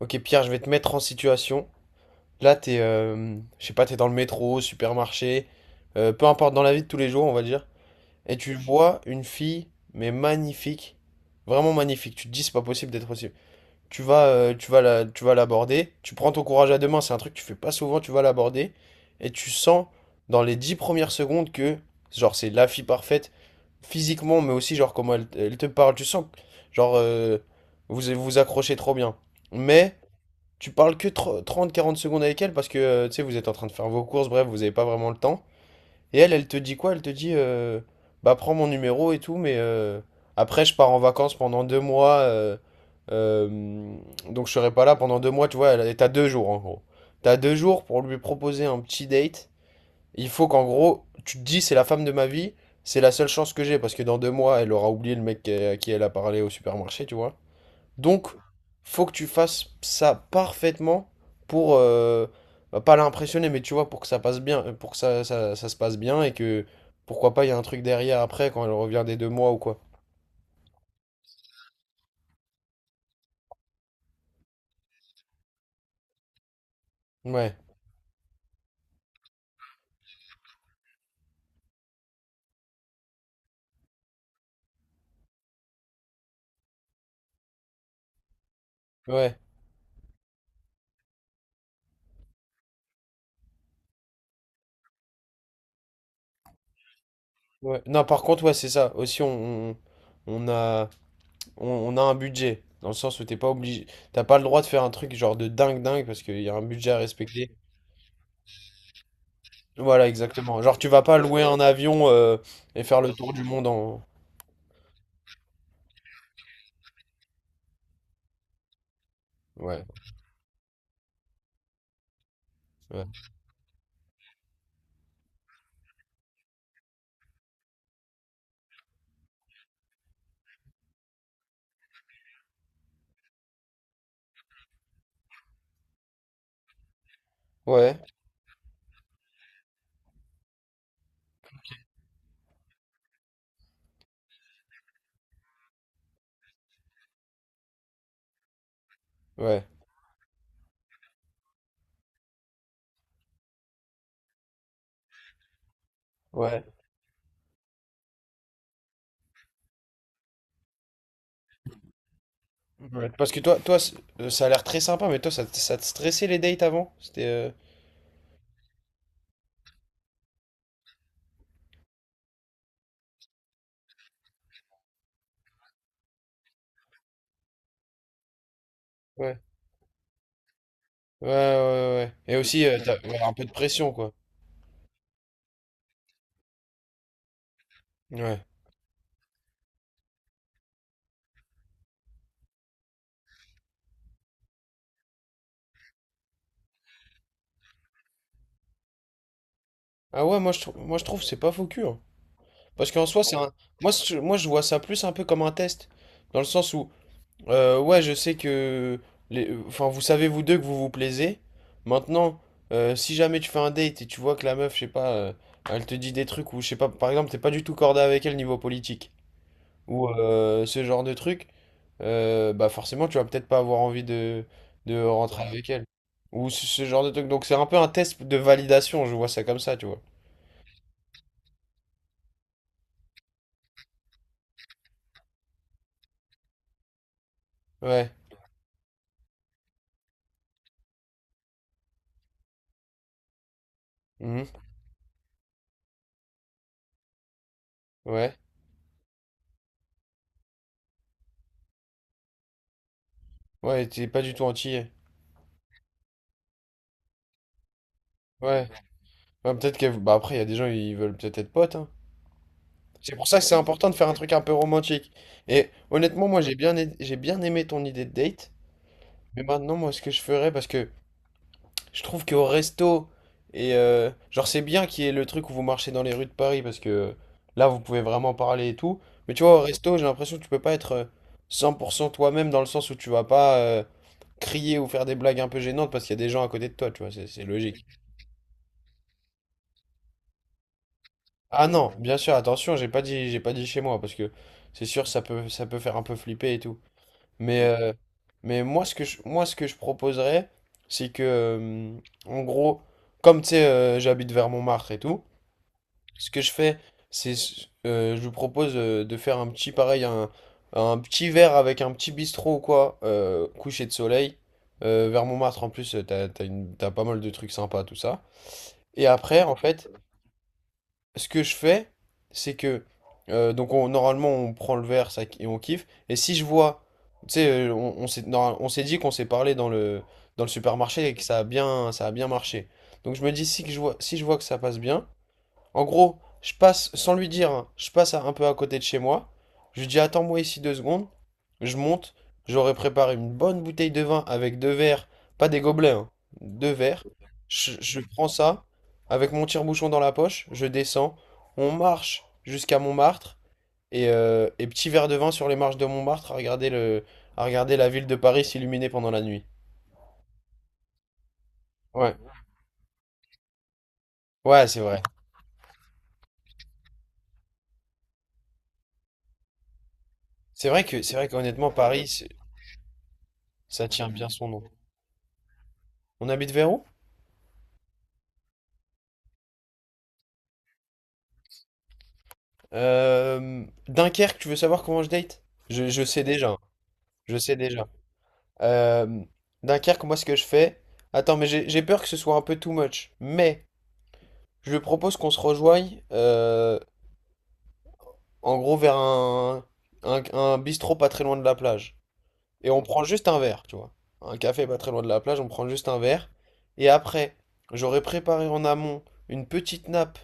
Ok Pierre, je vais te mettre en situation. Là, t'es, je sais pas, t'es dans le métro, supermarché, peu importe, dans la vie de tous les jours, on va dire. Et tu vois une fille, mais magnifique, vraiment magnifique. Tu te dis, c'est pas possible d'être aussi. Tu vas l'aborder. Tu prends ton courage à deux mains. C'est un truc que tu fais pas souvent. Tu vas l'aborder et tu sens dans les 10 premières secondes que, genre, c'est la fille parfaite physiquement, mais aussi genre comment elle te parle. Tu sens, que, genre, vous vous accrochez trop bien. Mais tu parles que 30-40 secondes avec elle parce que tu sais, vous êtes en train de faire vos courses, bref, vous n'avez pas vraiment le temps. Et elle, elle te dit quoi? Elle te dit bah prends mon numéro et tout, mais après je pars en vacances pendant 2 mois, euh, donc je serai pas là pendant 2 mois, tu vois, et t'as 2 jours en gros. T'as 2 jours pour lui proposer un petit date. Il faut qu'en gros, tu te dis c'est la femme de ma vie, c'est la seule chance que j'ai parce que dans 2 mois, elle aura oublié le mec à qui elle a parlé au supermarché, tu vois. Donc, faut que tu fasses ça parfaitement pour bah, pas l'impressionner, mais tu vois, pour que ça passe bien, pour que ça se passe bien et que pourquoi pas, il y a un truc derrière après quand elle revient des 2 mois ou quoi. Ouais, ouais, ouais. Non, par contre, ouais, c'est ça. Aussi, on a, on a un budget. Dans le sens où t'es pas obligé, t'as pas le droit de faire un truc genre de dingue dingue parce qu'il y a un budget à respecter. Voilà, exactement. Genre, tu vas pas louer un avion et faire le tour du monde en. Ouais, ouais, ouais, ouais. Ouais. Ouais, parce que toi, ça a l'air très sympa, mais toi, ça te stressait les dates avant? C'était. Ouais, ouais, ouais, ouais. Et aussi, t'as, ouais, un peu de pression, quoi. Ouais. Ah ouais, moi je trouve que c'est pas faux cul, hein. Parce qu'en soi, c'est un, moi, je vois ça plus un peu comme un test, dans le sens où, ouais, je sais que, enfin, vous savez vous deux que vous vous plaisez. Maintenant, si jamais tu fais un date et tu vois que la meuf, je sais pas, elle te dit des trucs ou je sais pas, par exemple, t'es pas du tout cordé avec elle niveau politique ou ce genre de truc. Bah forcément, tu vas peut-être pas avoir envie de rentrer, ouais, avec elle. Ou ce genre de truc. Donc c'est un peu un test de validation, je vois ça comme ça, tu vois. Ouais. Mhm. Ouais. Ouais, t'es pas du tout entier. Ouais. Ouais, peut-être que. Bah après, il y a des gens, ils veulent peut-être être potes, hein. C'est pour ça que c'est important de faire un truc un peu romantique. Et honnêtement, moi, j'ai bien aimé ton idée de date. Mais maintenant, moi, ce que je ferais, parce que je trouve qu'au resto, genre, c'est bien qu'il y ait le truc où vous marchez dans les rues de Paris parce que là, vous pouvez vraiment parler et tout. Mais tu vois, au resto, j'ai l'impression que tu peux pas être 100% toi-même dans le sens où tu vas pas crier ou faire des blagues un peu gênantes parce qu'il y a des gens à côté de toi, tu vois, c'est logique. Ah non, bien sûr, attention, j'ai pas dit chez moi parce que c'est sûr, ça peut faire un peu flipper et tout. Mais, euh, mais moi, ce que je proposerais, c'est que, en gros, comme tu sais, j'habite vers Montmartre et tout. Ce que je fais, c'est je vous propose de faire un petit pareil, un petit verre avec un petit bistrot ou quoi, coucher de soleil, vers Montmartre en plus, t'as pas mal de trucs sympas, tout ça. Et après, en fait, ce que je fais, c'est que donc normalement on prend le verre ça, et on kiffe. Et si je vois, tu sais, on s'est dit qu'on s'est parlé dans le supermarché et que ça a bien marché. Donc je me dis si je vois que ça passe bien. En gros, je passe, sans lui dire, hein, je passe un peu à côté de chez moi. Je lui dis, attends-moi ici 2 secondes. Je monte. J'aurais préparé une bonne bouteille de vin avec 2 verres, pas des gobelets, hein, 2 verres. Je prends ça avec mon tire-bouchon dans la poche. Je descends. On marche jusqu'à Montmartre. Et petit verre de vin sur les marches de Montmartre à regarder la ville de Paris s'illuminer pendant la nuit. Ouais, ouais, c'est vrai. C'est vrai qu'honnêtement, Paris, ça tient bien son nom. On habite vers où? Dunkerque, tu veux savoir comment je date? Je sais déjà, hein. Je sais déjà. Euh, Dunkerque, moi, ce que je fais. Attends, mais j'ai peur que ce soit un peu too much. Mais je propose qu'on se rejoigne, en gros, vers un, un bistrot pas très loin de la plage. Et on prend juste un verre, tu vois. Un café pas très loin de la plage, on prend juste un verre. Et après, j'aurais préparé en amont une petite nappe.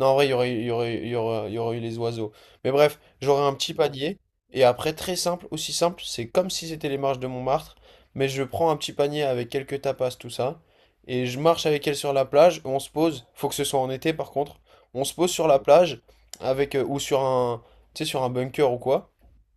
Non, en vrai, il y aurait, il y aurait, il y aurait, il y aurait eu les oiseaux. Mais bref, j'aurais un petit panier. Et après, très simple, aussi simple, c'est comme si c'était les marches de Montmartre. Mais je prends un petit panier avec quelques tapas, tout ça. Et je marche avec elle sur la plage. On se pose. Faut que ce soit en été, par contre. On se pose sur la plage avec, ou sur un, tu sais, sur un bunker ou quoi.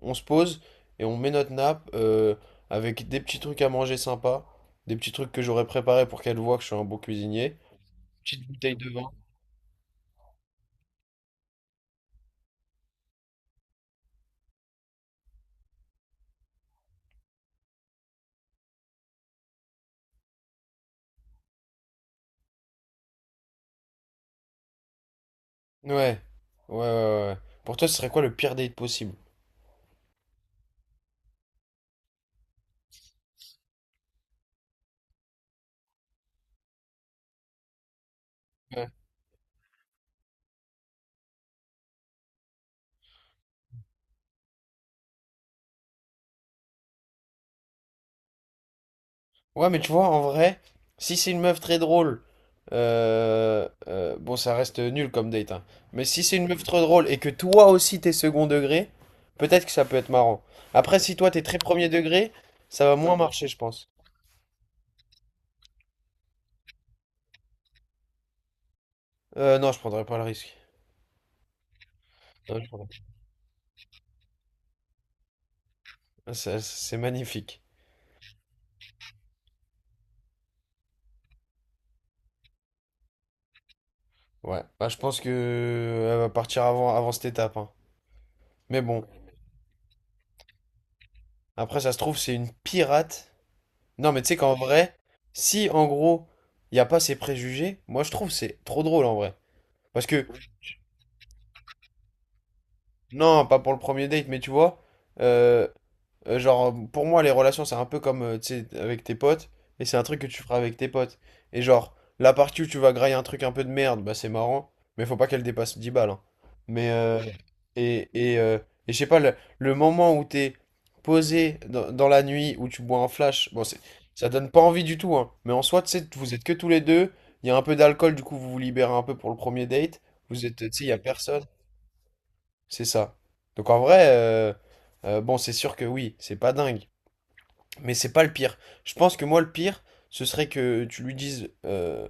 On se pose et on met notre nappe avec des petits trucs à manger sympas, des petits trucs que j'aurais préparés pour qu'elle voit que je suis un bon cuisinier. Petite bouteille de vin. Ouais, ouais, ouais, ouais. Pour toi, ce serait quoi le pire date possible? Ouais. Ouais, mais tu vois, en vrai, si c'est une meuf très drôle, bon, ça reste nul comme date, hein. Mais si c'est une meuf trop drôle et que toi aussi t'es second degré, peut-être que ça peut être marrant. Après, si toi t'es très premier degré, ça va moins marcher, je pense. Non, je prendrais pas le risque. Non, je prendrais. C'est magnifique. Ouais. Bah, je pense que elle va partir avant cette étape, hein. Mais bon, après, ça se trouve, c'est une pirate. Non, mais tu sais qu'en vrai, si en gros, il n'y a pas ces préjugés, moi je trouve que c'est trop drôle en vrai. Parce que, non, pas pour le premier date, mais tu vois, euh, genre, pour moi, les relations, c'est un peu comme, tu sais, avec tes potes, et c'est un truc que tu feras avec tes potes. Et genre, la partie où tu vas grailler un truc un peu de merde, bah c'est marrant, mais faut pas qu'elle dépasse 10 balles, hein. Mais, et, et, euh, je sais pas, le moment où t'es posé dans la nuit, où tu bois un flash, bon, ça donne pas envie du tout, hein. Mais en soi, tu sais, vous êtes que tous les deux, il y a un peu d'alcool, du coup, vous vous libérez un peu pour le premier date, vous êtes, tu sais, il y a personne, c'est ça. Donc en vrai, bon, c'est sûr que oui, c'est pas dingue. Mais c'est pas le pire. Je pense que moi, le pire, ce serait que tu lui dises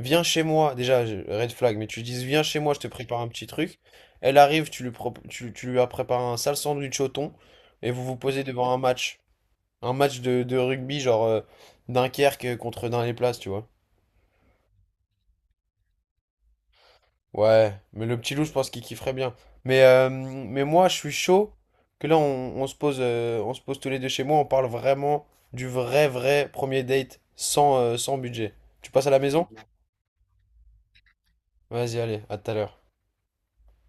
viens chez moi. Déjà, red flag, mais tu lui dises viens chez moi, je te prépare un petit truc. Elle arrive, tu lui as préparé un sale sandwich au thon et vous vous posez devant un match. Un match de rugby, genre Dunkerque contre dans les, tu vois. Ouais, mais le petit loup, je pense qu'il kifferait bien. Mais moi, je suis chaud que là, on se pose tous les deux chez moi, on parle vraiment du vrai, vrai premier date sans budget. Tu passes à la maison? Vas-y, allez, à tout à l'heure.